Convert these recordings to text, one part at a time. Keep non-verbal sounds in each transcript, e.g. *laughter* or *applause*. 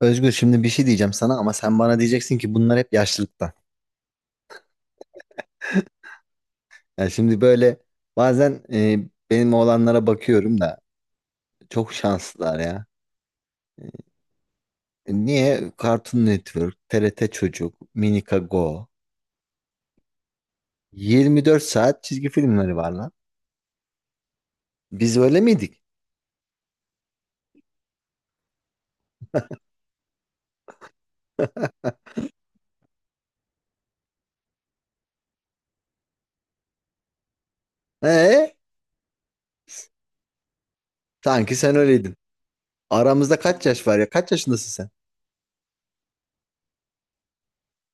Özgür şimdi bir şey diyeceğim sana ama sen bana diyeceksin ki bunlar hep yaşlılıktan. Yani şimdi böyle bazen benim oğlanlara bakıyorum da çok şanslılar ya. E, niye? Cartoon Network, TRT Çocuk, Minika Go. 24 saat çizgi filmleri var lan. Biz öyle miydik? Ee, Sanki sen öyleydin. Aramızda kaç yaş var ya? Kaç yaşındasın sen?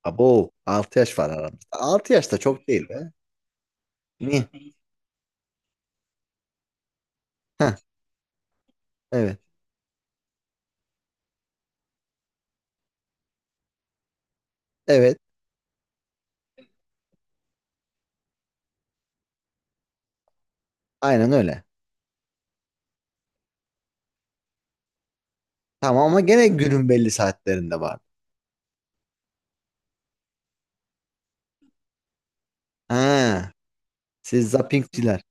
Abo, 6 yaş var aramızda. 6 yaş da çok değil be. Niye? Heh, evet. Evet. Aynen öyle. Tamam ama gene günün belli saatlerinde var. Ha, siz zappingçiler.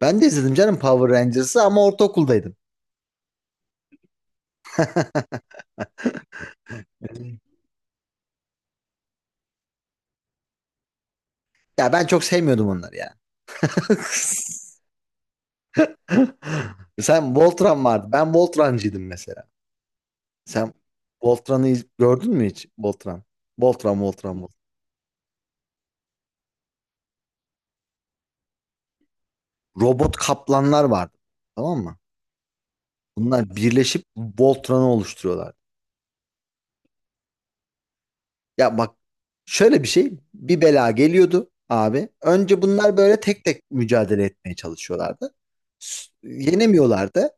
Ben de izledim canım Power Rangers'ı ama ortaokuldaydım. Ya ben çok sevmiyordum onları ya. *laughs* Sen Voltron vardı. Ben Voltran'cıydım mesela. Sen Voltran'ı gördün mü hiç? Voltran. Voltran, Voltran, Voltran. Robot kaplanlar vardı. Tamam mı? Bunlar birleşip Voltran'ı oluşturuyorlar. Ya bak, şöyle bir şey. Bir bela geliyordu abi. Önce bunlar böyle tek tek mücadele etmeye çalışıyorlardı. Yenemiyorlardı.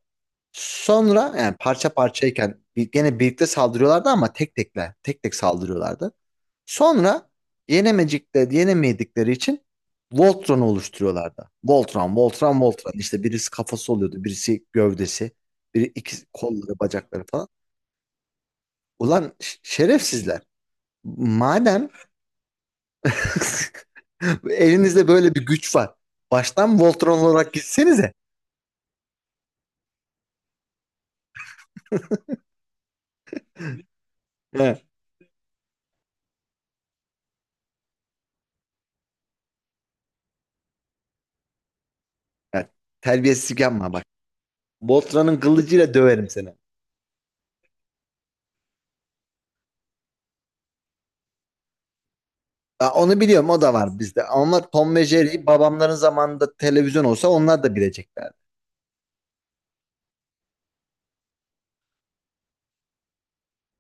Sonra yani parça parçayken gene birlikte saldırıyorlardı ama tek tekler, tek tek saldırıyorlardı. Sonra yenemedikleri için Voltron'u oluşturuyorlardı. Voltron, Voltron, Voltron. İşte birisi kafası oluyordu, birisi gövdesi, biri iki kolları, bacakları falan. Ulan şerefsizler. Madem *laughs* elinizde böyle bir güç var. Baştan Voltron olarak gitsenize. He. Yani terbiyesizlik yapma bak. Voltron'un kılıcıyla döverim seni. Ya onu biliyorum, o da var bizde. Ama Tom ve Jerry babamların zamanında televizyon olsa onlar da bileceklerdi.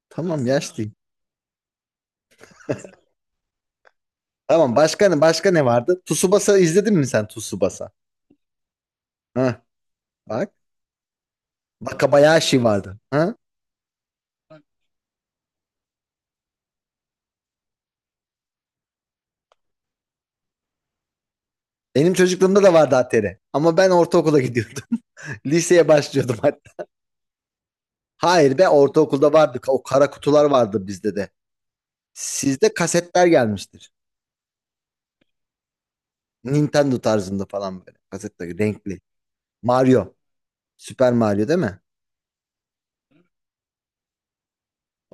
Tamam, aslında yaşlıyım. Tamam, başka ne vardı? Tsubasa izledin mi sen, Tsubasa? Ha, bak. Wakabayashi vardı. Ha? Benim çocukluğumda da vardı Atari. Ama ben ortaokula gidiyordum. *laughs* Liseye başlıyordum hatta. Hayır be, ortaokulda vardı. O kara kutular vardı bizde de. Sizde kasetler gelmiştir. Nintendo tarzında falan böyle. Kasetler renkli. Mario. Süper Mario değil mi?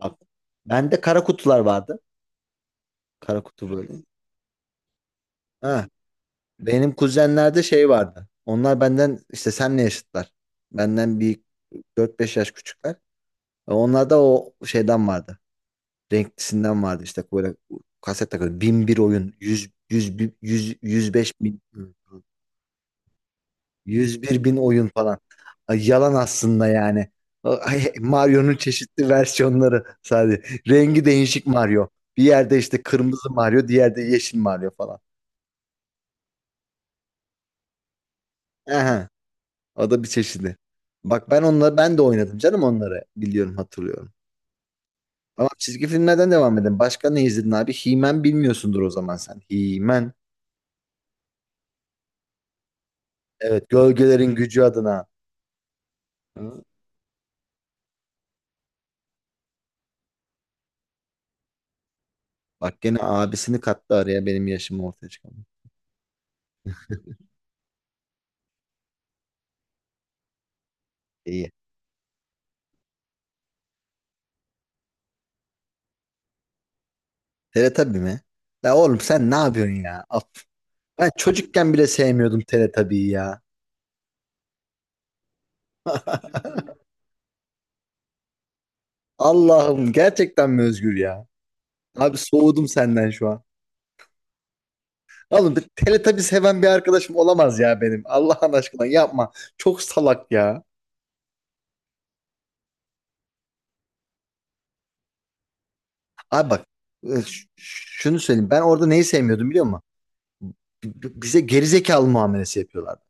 Bak, bende kara kutular vardı. Kara kutu böyle. Ha, benim kuzenlerde şey vardı. Onlar benden işte senle yaşıtlar. Benden bir 4-5 yaş küçükler. Onlarda o şeyden vardı. Renklisinden vardı, işte böyle kaset takıyordu. Bin bir oyun, 100, 100 105 bin, 101 bin oyun falan. Ay, yalan aslında yani. Ay, Mario'nun çeşitli versiyonları sadece. Rengi değişik Mario. Bir yerde işte kırmızı Mario, diğerde yeşil Mario falan. Aha, o da bir çeşidi. Bak, ben onları ben de oynadım canım, onları biliyorum, hatırlıyorum. Ama çizgi filmlerden devam edelim. Başka ne izledin abi? He-Man bilmiyorsundur o zaman sen. He-Man. Evet, gölgelerin gücü adına. Hı? Bak, gene abisini kattı araya, benim yaşımı ortaya çıkardı. İyi. Teletabi mi? La oğlum, sen ne yapıyorsun ya? Af. Ben çocukken bile sevmiyordum Teletabi'yi ya. *laughs* Allah'ım, gerçekten mi Özgür ya? Abi, soğudum senden şu an. Oğlum, bir Teletubbies seven bir arkadaşım olamaz ya benim. Allah'ın aşkına yapma. Çok salak ya. Abi bak, şunu söyleyeyim. Ben orada neyi sevmiyordum biliyor musun? Bize gerizekalı muamelesi yapıyorlardı.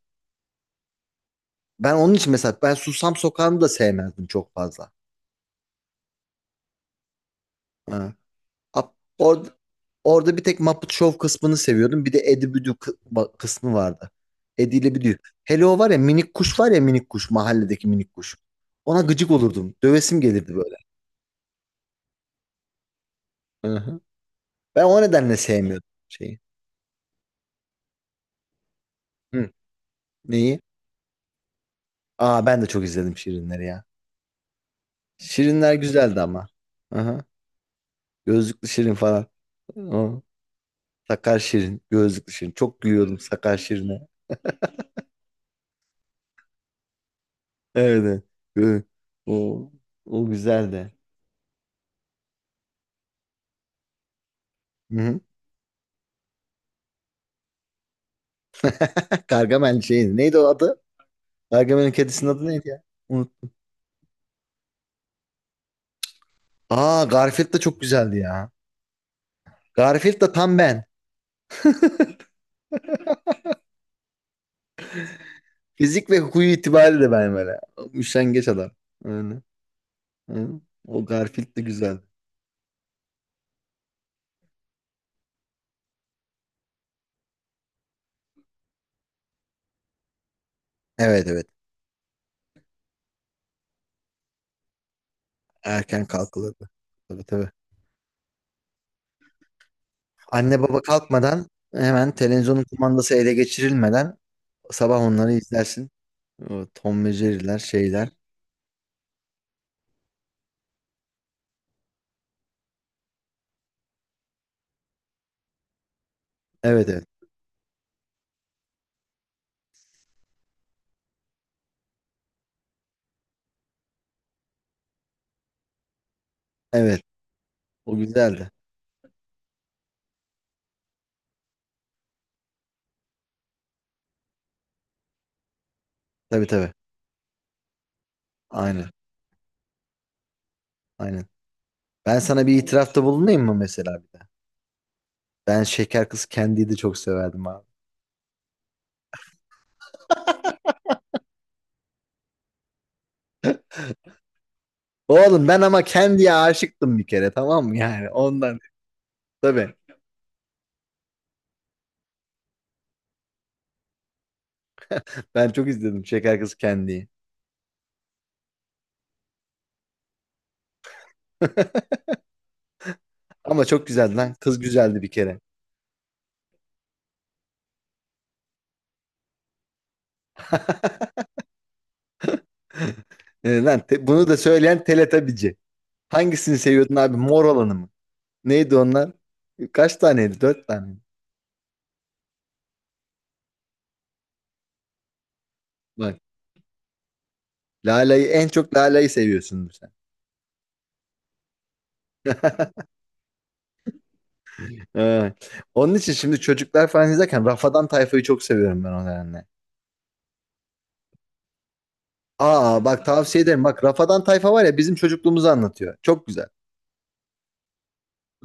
Ben onun için mesela, ben Susam Sokağı'nı da sevmezdim çok fazla. Ha. Ab- Orada, orada bir tek Muppet Show kısmını seviyordum. Bir de Eddie Büdü kısmı vardı. Eddie ile Büdü. Hele o var ya minik kuş, var ya minik kuş. Mahalledeki minik kuş. Ona gıcık olurdum. Dövesim gelirdi böyle. Ben o nedenle sevmiyordum şeyi. Hı. Neyi? Aa, ben de çok izledim Şirinleri ya. Şirinler güzeldi ama. Aha. Gözlüklü Şirin falan. O. Sakar Şirin, gözlüklü Şirin. Çok gülüyordum Sakar Şirin'e. Evet. Evet. O, o güzeldi. Hı hı. *laughs* Gargamel şeydi. Neydi o adı? Gargamel'in kedisinin adı neydi ya? Unut. Aa, Garfield da çok güzeldi ya. Garfield da tam ben. Fizik ve huyu itibariyle ben böyle. Üşengeç adam. Öyle. Hı. O Garfield de güzel. Evet, evet. Erken kalkılırdı. Tabii tabii. Anne baba kalkmadan, hemen televizyonun kumandası ele geçirilmeden sabah onları izlersin. O Tom ve Jerry'ler, şeyler. Evet, evet. Evet. O güzeldi. Tabii tabii. Aynen. Aynen. Ben sana bir itirafta bulunayım mı mesela bir de? Ben Şeker Kız Candy'yi de çok severdim abi. Oğlum, ben ama Candy'ye aşıktım bir kere, tamam mı, yani ondan. Tabii. Ben çok izledim Şeker Kız Candy'yi. *laughs* Ama çok güzeldi lan. Kız güzeldi bir kere. *laughs* E, lan bunu da söyleyen Teletabici. Hangisini seviyordun abi? Mor olanı mı? Neydi onlar? Kaç taneydi? Dört tane mi? Bak. Lala'yı, en çok Lala'yı seviyorsundur sen. Evet. Onun için şimdi çocuklar falan izlerken Rafadan Tayfa'yı çok seviyorum ben, o nedenle. Aa, bak tavsiye ederim. Bak, Rafadan Tayfa var ya, bizim çocukluğumuzu anlatıyor. Çok güzel.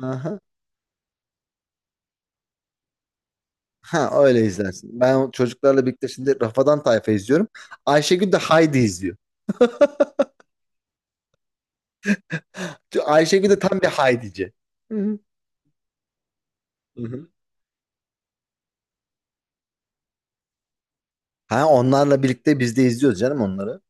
Aha. Ha, öyle izlersin. Ben o çocuklarla birlikte şimdi Rafadan Tayfa izliyorum. Ayşegül de Haydi izliyor. Ayşegül de tam bir Haydici. Hı hı. Ha, onlarla birlikte biz de izliyoruz canım onları.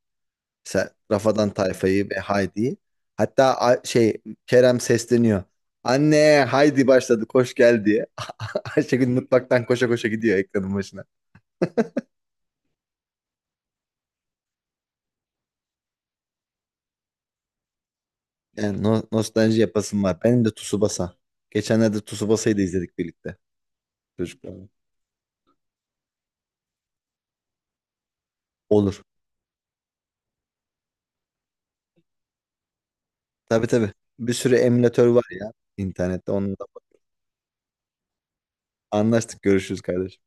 Mesela Rafadan Tayfa'yı ve Haydi'yi. Hatta şey, Kerem sesleniyor. Anne, Haydi başladı, koş gel diye. *laughs* Ayşegül mutfaktan koşa koşa gidiyor ekranın başına. Yani nostalji yapasım var. Benim de Tsubasa. Geçenlerde Tsubasa'yı da izledik birlikte çocuklarla. Olur. Tabii tabii. Bir sürü emülatör var ya internette. Onunla anlaştık. Görüşürüz kardeşim.